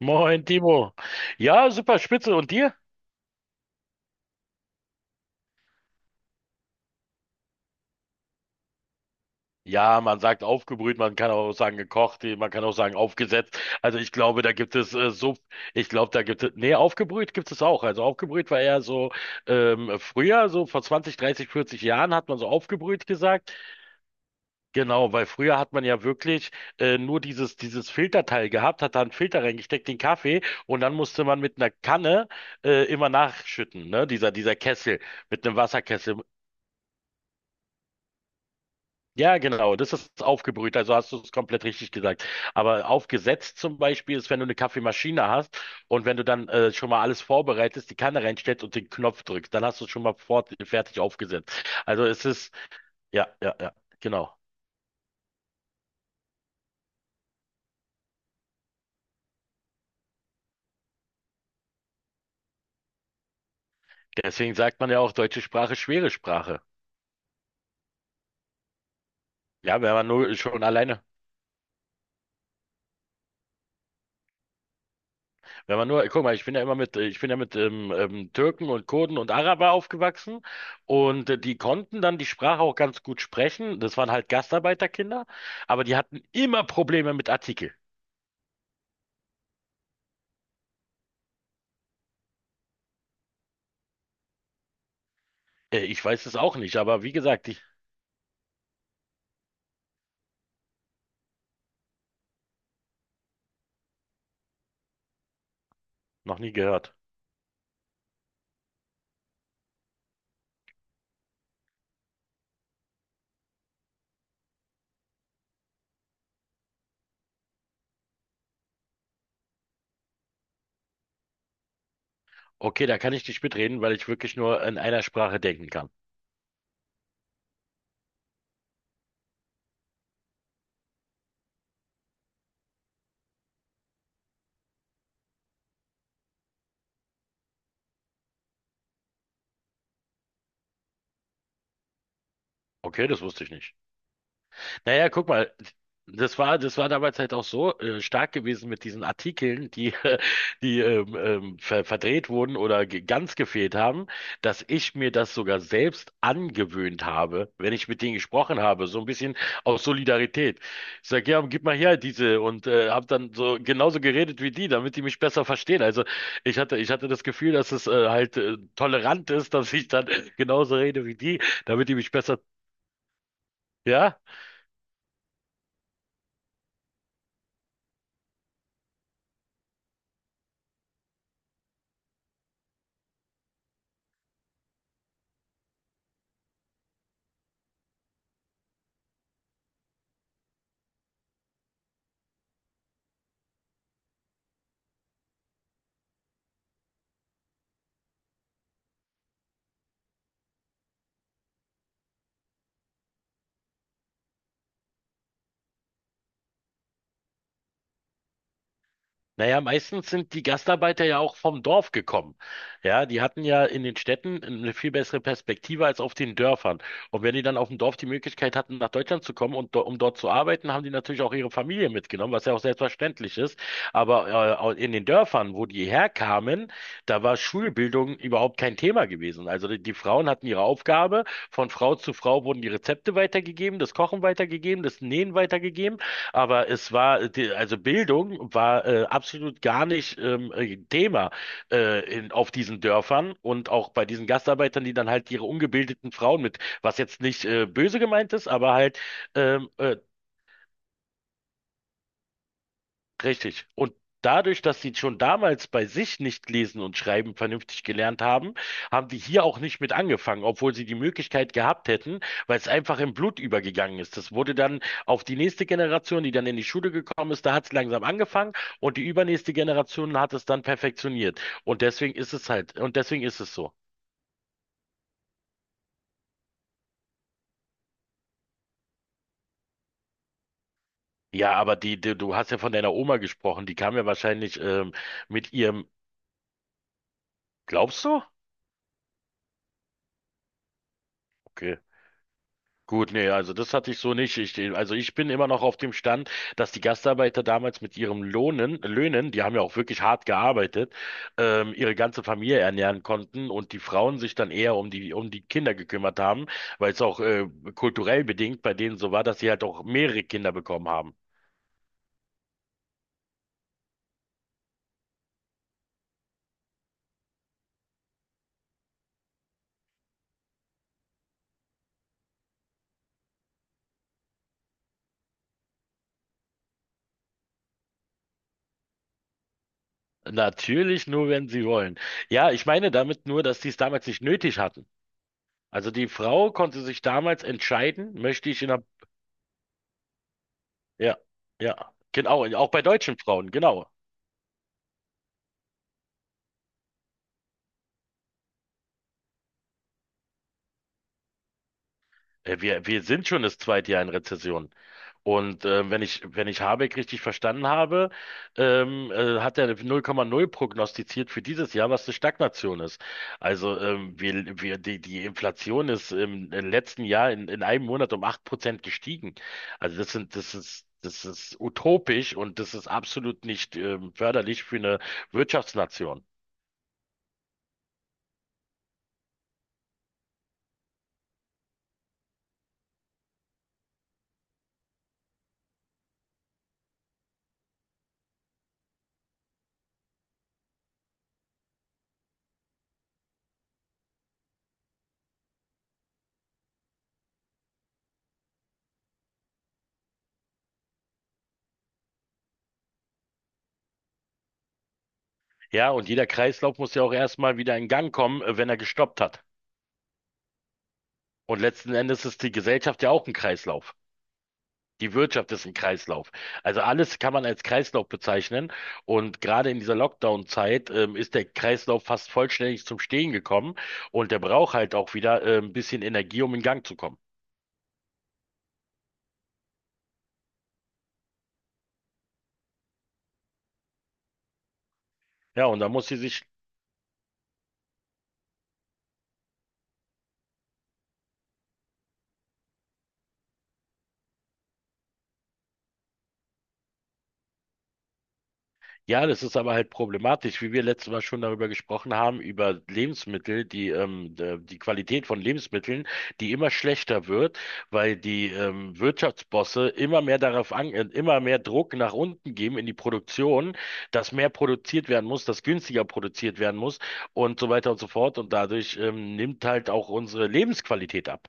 Moin, Timo. Ja, super spitze. Und dir? Ja, man sagt aufgebrüht, man kann auch sagen gekocht, man kann auch sagen aufgesetzt. Also ich glaube, da gibt es so, ich glaube, da gibt es, nee, aufgebrüht gibt es auch. Also aufgebrüht war eher so früher, so vor 20, 30, 40 Jahren hat man so aufgebrüht gesagt. Genau, weil früher hat man ja wirklich nur dieses Filterteil gehabt, hat da einen Filter reingesteckt, den Kaffee, und dann musste man mit einer Kanne immer nachschütten, ne? Dieser Kessel mit einem Wasserkessel. Ja, genau, das ist aufgebrüht, also hast du es komplett richtig gesagt. Aber aufgesetzt zum Beispiel ist, wenn du eine Kaffeemaschine hast, und wenn du dann schon mal alles vorbereitest, die Kanne reinstellst und den Knopf drückst, dann hast du es schon mal fertig aufgesetzt. Also es ist, ja, ja, ja, genau. Deswegen sagt man ja auch, deutsche Sprache, schwere Sprache. Ja, wenn man nur schon alleine. Wenn man nur, guck mal, ich bin ja immer mit, ich bin ja mit Türken und Kurden und Araber aufgewachsen, und die konnten dann die Sprache auch ganz gut sprechen. Das waren halt Gastarbeiterkinder, aber die hatten immer Probleme mit Artikel. Ich weiß es auch nicht, aber wie gesagt, ich noch nie gehört. Okay, da kann ich nicht mitreden, weil ich wirklich nur in einer Sprache denken kann. Okay, das wusste ich nicht. Naja, guck mal, das war damals halt auch so stark gewesen mit diesen Artikeln, die, die verdreht wurden oder ge ganz gefehlt haben, dass ich mir das sogar selbst angewöhnt habe, wenn ich mit denen gesprochen habe, so ein bisschen aus Solidarität. Ich sage, ja, gib mal her diese, und habe dann so genauso geredet wie die, damit die mich besser verstehen. Also ich hatte das Gefühl, dass es halt tolerant ist, dass ich dann genauso rede wie die, damit die mich besser, ja? Naja, meistens sind die Gastarbeiter ja auch vom Dorf gekommen. Ja, die hatten ja in den Städten eine viel bessere Perspektive als auf den Dörfern. Und wenn die dann auf dem Dorf die Möglichkeit hatten, nach Deutschland zu kommen und do um dort zu arbeiten, haben die natürlich auch ihre Familie mitgenommen, was ja auch selbstverständlich ist. Aber in den Dörfern, wo die herkamen, da war Schulbildung überhaupt kein Thema gewesen. Also die Frauen hatten ihre Aufgabe, von Frau zu Frau wurden die Rezepte weitergegeben, das Kochen weitergegeben, das Nähen weitergegeben. Aber es war, die, also Bildung war absolut gar nicht Thema in, auf diesen Dörfern und auch bei diesen Gastarbeitern, die dann halt ihre ungebildeten Frauen mit, was jetzt nicht böse gemeint ist, aber halt ähm, äh, Richtig. Und dadurch, dass sie schon damals bei sich nicht lesen und schreiben vernünftig gelernt haben, haben die hier auch nicht mit angefangen, obwohl sie die Möglichkeit gehabt hätten, weil es einfach im Blut übergegangen ist. Das wurde dann auf die nächste Generation, die dann in die Schule gekommen ist, da hat es langsam angefangen, und die übernächste Generation hat es dann perfektioniert. Und deswegen ist es halt, und deswegen ist es so. Ja, aber die, die, du hast ja von deiner Oma gesprochen, die kam ja wahrscheinlich mit ihrem, glaubst du? Okay. Gut, nee, also das hatte ich so nicht. Also ich bin immer noch auf dem Stand, dass die Gastarbeiter damals mit ihrem Löhnen, die haben ja auch wirklich hart gearbeitet, ihre ganze Familie ernähren konnten, und die Frauen sich dann eher um um die Kinder gekümmert haben, weil es auch kulturell bedingt bei denen so war, dass sie halt auch mehrere Kinder bekommen haben. Natürlich nur, wenn sie wollen. Ja, ich meine damit nur, dass sie es damals nicht nötig hatten. Also die Frau konnte sich damals entscheiden, möchte ich in einer, ja, ja, genau, auch bei deutschen Frauen, genau. Wir sind schon das zweite Jahr in Rezession. Und wenn ich Habeck richtig verstanden habe, hat er 0,0 prognostiziert für dieses Jahr, was eine Stagnation ist. Also die Inflation ist im letzten Jahr in einem Monat um 8% gestiegen. Also das ist utopisch, und das ist absolut nicht förderlich für eine Wirtschaftsnation. Ja, und jeder Kreislauf muss ja auch erstmal wieder in Gang kommen, wenn er gestoppt hat. Und letzten Endes ist die Gesellschaft ja auch ein Kreislauf. Die Wirtschaft ist ein Kreislauf. Also alles kann man als Kreislauf bezeichnen. Und gerade in dieser Lockdown-Zeit ist der Kreislauf fast vollständig zum Stehen gekommen. Und der braucht halt auch wieder ein bisschen Energie, um in Gang zu kommen. Ja, und da muss sie sich. Ja, das ist aber halt problematisch, wie wir letztes Mal schon darüber gesprochen haben, über Lebensmittel, die Qualität von Lebensmitteln, die immer schlechter wird, weil die Wirtschaftsbosse immer mehr darauf an, immer mehr Druck nach unten geben in die Produktion, dass mehr produziert werden muss, dass günstiger produziert werden muss und so weiter und so fort. Und dadurch nimmt halt auch unsere Lebensqualität ab.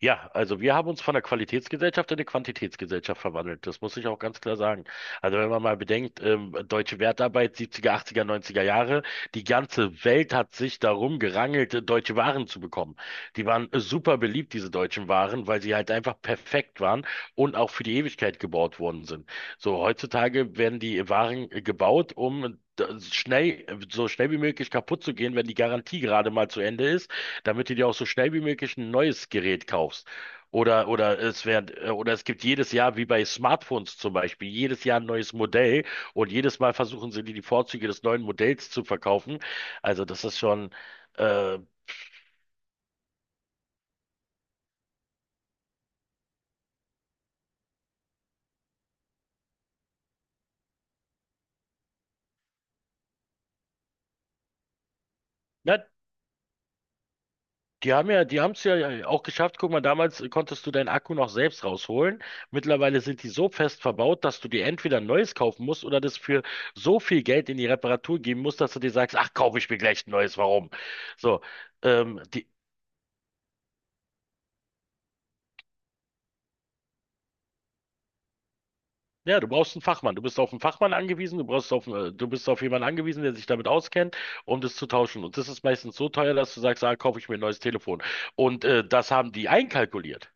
Ja, also wir haben uns von der Qualitätsgesellschaft in eine Quantitätsgesellschaft verwandelt. Das muss ich auch ganz klar sagen. Also wenn man mal bedenkt, deutsche Wertarbeit 70er, 80er, 90er Jahre, die ganze Welt hat sich darum gerangelt, deutsche Waren zu bekommen. Die waren super beliebt, diese deutschen Waren, weil sie halt einfach perfekt waren und auch für die Ewigkeit gebaut worden sind. So heutzutage werden die Waren gebaut, um schnell, so schnell wie möglich kaputt zu gehen, wenn die Garantie gerade mal zu Ende ist, damit du dir auch so schnell wie möglich ein neues Gerät kaufst. Oder es werden, oder es gibt jedes Jahr, wie bei Smartphones zum Beispiel, jedes Jahr ein neues Modell, und jedes Mal versuchen sie dir die Vorzüge des neuen Modells zu verkaufen. Also das ist schon, äh, ja, die haben es ja auch geschafft. Guck mal, damals konntest du deinen Akku noch selbst rausholen. Mittlerweile sind die so fest verbaut, dass du dir entweder ein neues kaufen musst oder das für so viel Geld in die Reparatur geben musst, dass du dir sagst, ach, kaufe ich mir gleich ein neues, warum? So. Ähm, die, Ja, du brauchst einen Fachmann. Du bist auf einen Fachmann angewiesen, du bist auf jemanden angewiesen, der sich damit auskennt, um das zu tauschen. Und das ist meistens so teuer, dass du sagst, ah, kaufe ich mir ein neues Telefon. Und das haben die einkalkuliert.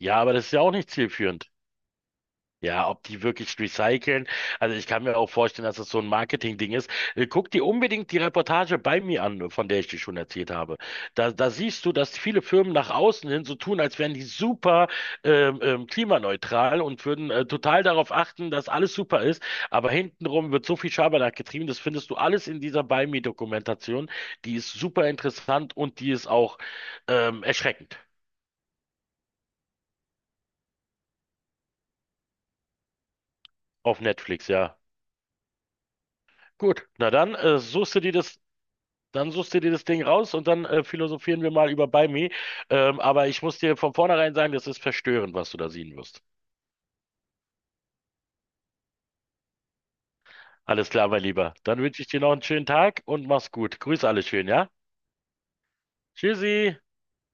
Ja, aber das ist ja auch nicht zielführend. Ja, ob die wirklich recyceln. Also ich kann mir auch vorstellen, dass das so ein Marketing-Ding ist. Guck dir unbedingt die Reportage bei mir an, von der ich dir schon erzählt habe. Da siehst du, dass viele Firmen nach außen hin so tun, als wären die super klimaneutral und würden total darauf achten, dass alles super ist. Aber hintenrum wird so viel Schabernack getrieben. Das findest du alles in dieser bei mir-Dokumentation. Die ist super interessant, und die ist auch erschreckend. Auf Netflix, ja. Gut, na dann suchst du dir das Dann suchst du dir das Ding raus, und dann philosophieren wir mal über Buy Me. Aber ich muss dir von vornherein sagen, das ist verstörend, was du da sehen wirst. Alles klar, mein Lieber. Dann wünsche ich dir noch einen schönen Tag und mach's gut. Grüß alle schön, ja? Tschüssi!